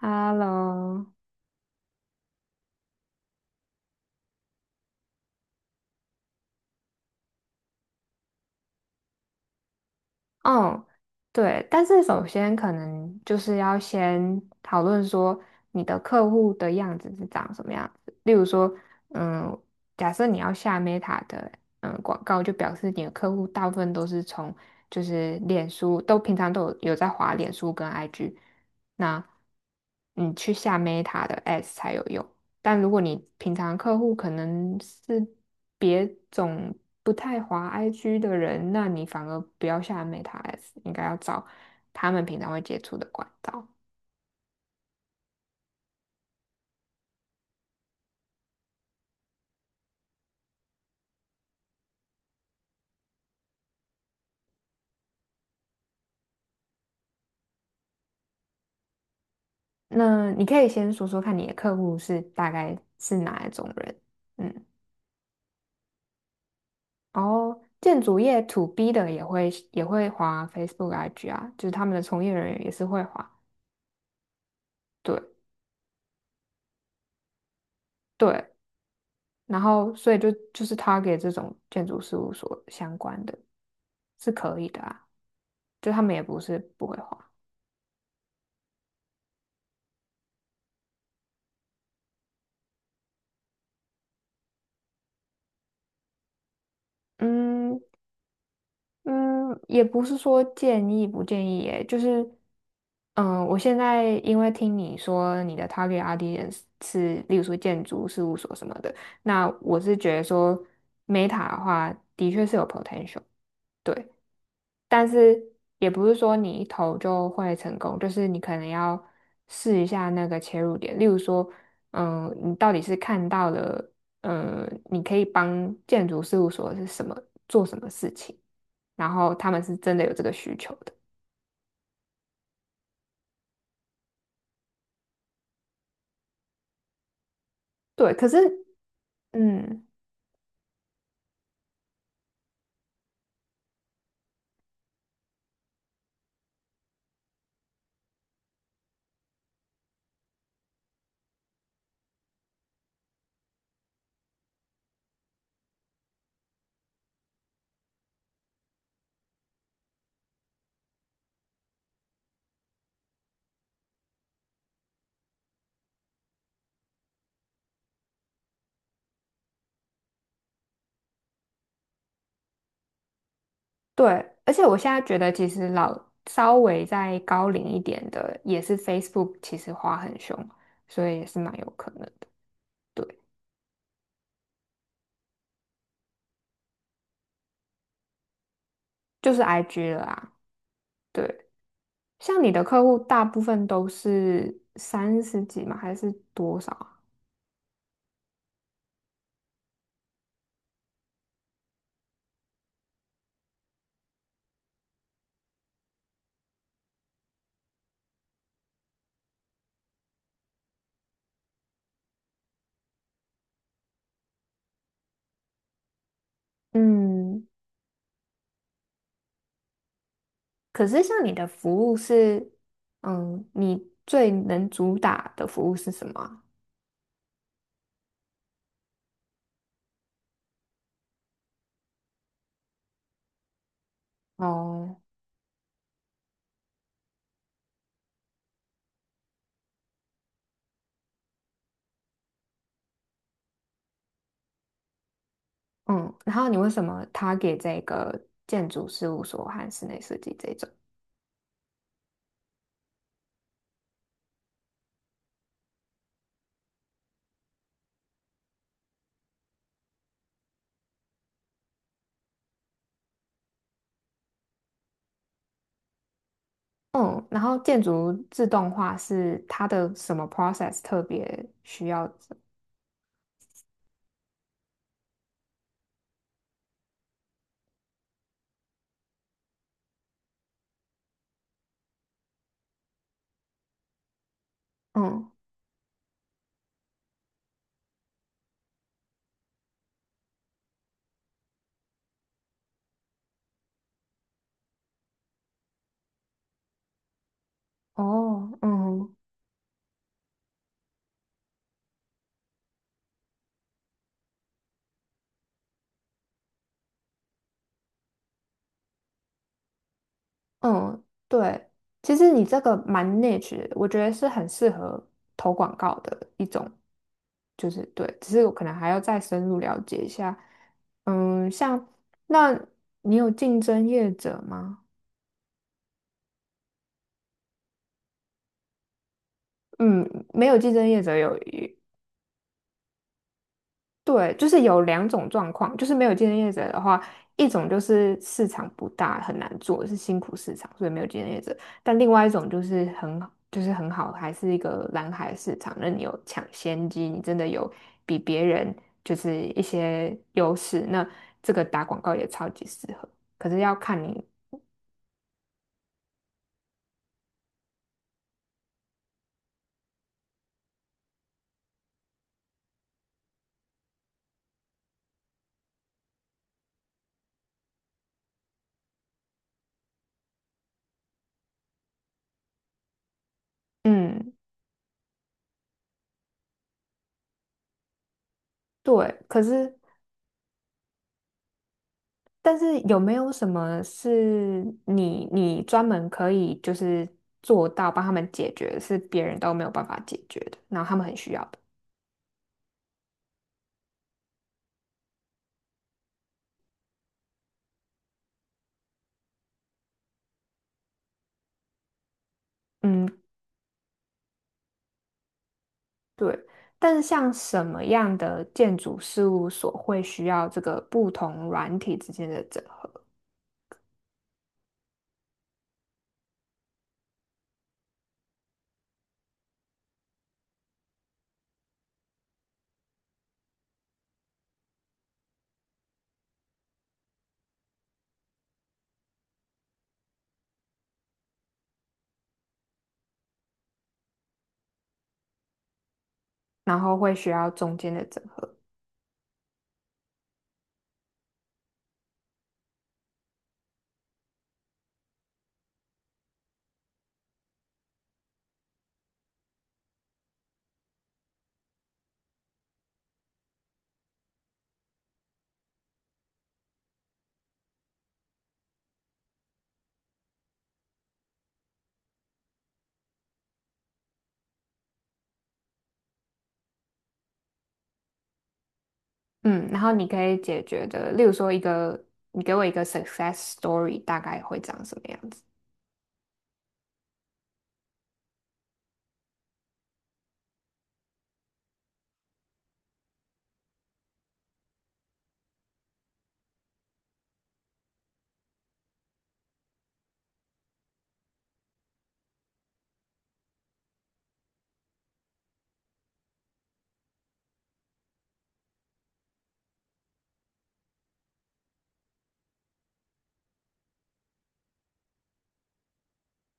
Hello。哦，对，但是首先可能就是要先讨论说你的客户的样子是长什么样子。例如说，嗯，假设你要下 Meta 的广告，就表示你的客户大部分都是从就是脸书，都平常都有在滑脸书跟 IG,那你去下 Meta 的 Ads 才有用。但如果你平常客户可能是别种不太滑 IG 的人，那你反而不要下 Meta S,应该要找他们平常会接触的管道。那你可以先说说看你的客户是大概是哪一种人。嗯，然后建筑业 to B 的也会滑 Facebook IG 啊，就是他们的从业人员也是会滑。对对，然后所以就是 Target 这种建筑事务所相关的是可以的啊。就他们也不是不会画。嗯嗯，也不是说建议不建议耶，就是我现在因为听你说你的 target audience 是，例如说建筑事务所什么的，那我是觉得说 Meta 的话，的确是有 potential。对，但是也不是说你一投就会成功，就是你可能要试一下那个切入点。例如说，你到底是看到了，你可以帮建筑事务所是什么做什么事情，然后他们是真的有这个需求的。对，可是，嗯，对，而且我现在觉得，其实老稍微再高龄一点的，也是 Facebook 其实花很凶，所以也是蛮有可能的。对，就是 IG 了啊。对。像你的客户大部分都是三十几吗？还是多少啊？嗯，可是像你的服务是，你最能主打的服务是什么啊。哦，嗯，然后你为什么他给这个建筑事务所和室内设计这种？嗯，然后建筑自动化是它的什么 process 特别需要这。嗯，哦，嗯嗯，对，其实你这个蛮 niche,的我觉得是很适合投广告的一种，就是对，只是我可能还要再深入了解一下。像那你有竞争业者吗？嗯，没有竞争业者有对，就是有两种状况，就是没有竞争业者的话，一种就是市场不大，很难做，是辛苦市场，所以没有竞争业者；但另外一种就是很好，就是很好，还是一个蓝海市场，那你有抢先机，你真的有比别人就是一些优势，那这个打广告也超级适合。可是要看你，嗯，对，可是。但是有没有什么是你专门可以就是做到帮他们解决，是别人都没有办法解决的，然后他们很需要的？嗯，对。但是像什么样的建筑事务所会需要这个不同软体之间的整合，然后会需要中间的整合？嗯，然后你可以解决的，例如说一个，你给我一个 success story,大概会长什么样子？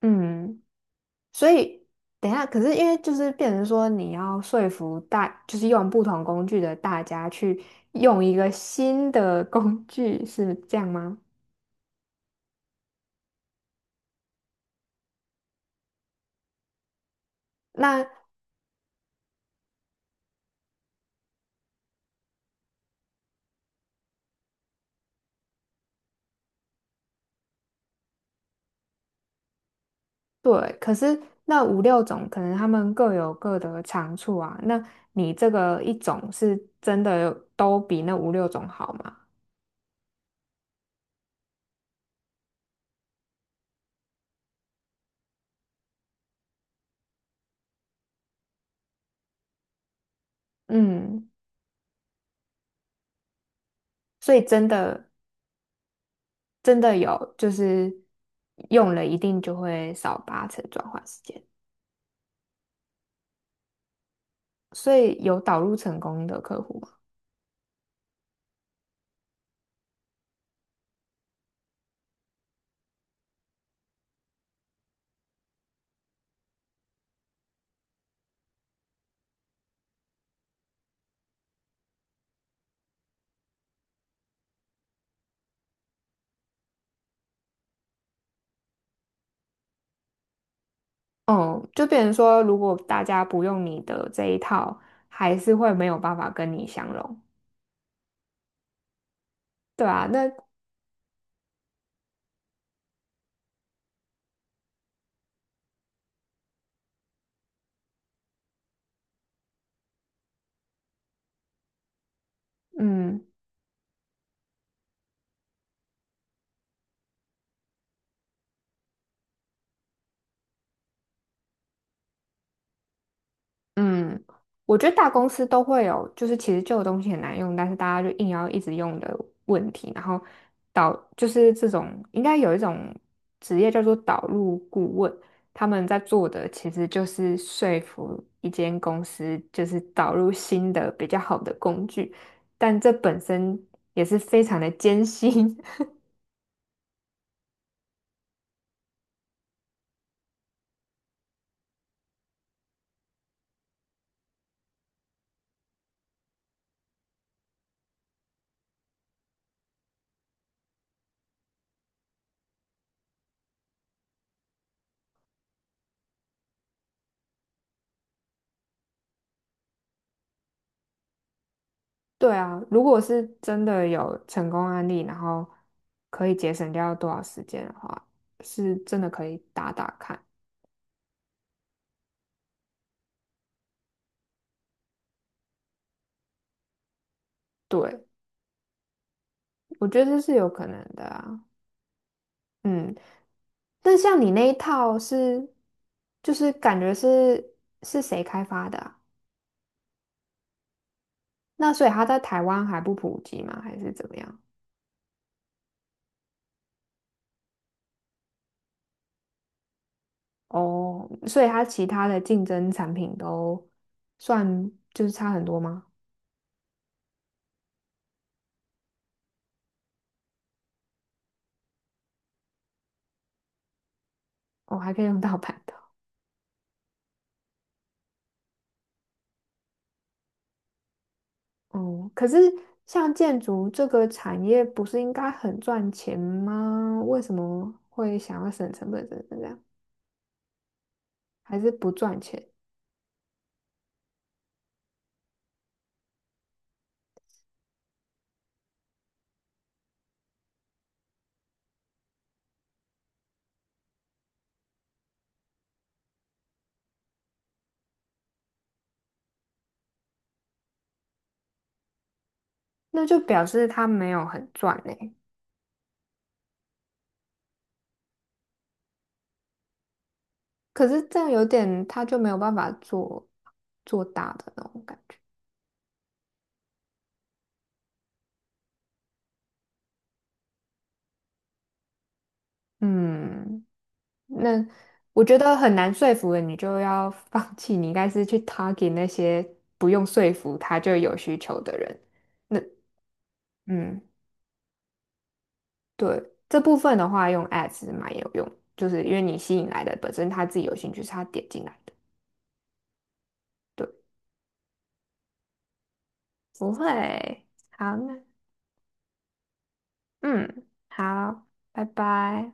嗯。所以等一下，可是因为就是变成说你要说服大，就是用不同工具的大家去用一个新的工具，是这样吗？那对，可是那五六种可能他们各有各的长处啊。那你这个一种是真的有都比那五六种好吗？嗯，所以真的有，就是用了一定就会少八成转换时间，所以有导入成功的客户吗？哦，就变成说，如果大家不用你的这一套，还是会没有办法跟你相容，对啊，那嗯嗯，我觉得大公司都会有，就是其实旧的东西很难用，但是大家就硬要一直用的问题，然后导就是这种应该有一种职业叫做导入顾问，他们在做的其实就是说服一间公司，就是导入新的比较好的工具。但这本身也是非常的艰辛。对啊，如果是真的有成功案例，然后可以节省掉多少时间的话，是真的可以打打看。对，我觉得这是有可能的啊。嗯，但像你那一套是，就是感觉是谁开发的啊？那所以它在台湾还不普及吗？还是怎么样？哦，所以它其他的竞争产品都算就是差很多吗？哦，还可以用盗版的。哦，可是像建筑这个产业不是应该很赚钱吗？为什么会想要省成本等等这样？还是不赚钱？那就表示他没有很赚呢、可是这样有点，他就没有办法做做大的那种感觉。嗯，那我觉得很难说服人，你就要放 弃。你应该是去 target 那些不用说服他就有需求的人。那嗯。对，这部分的话，用 ads 蛮有用，就是因为你吸引来的本身他自己有兴趣，是他点进来的。对，不会。好，那嗯，好，拜拜。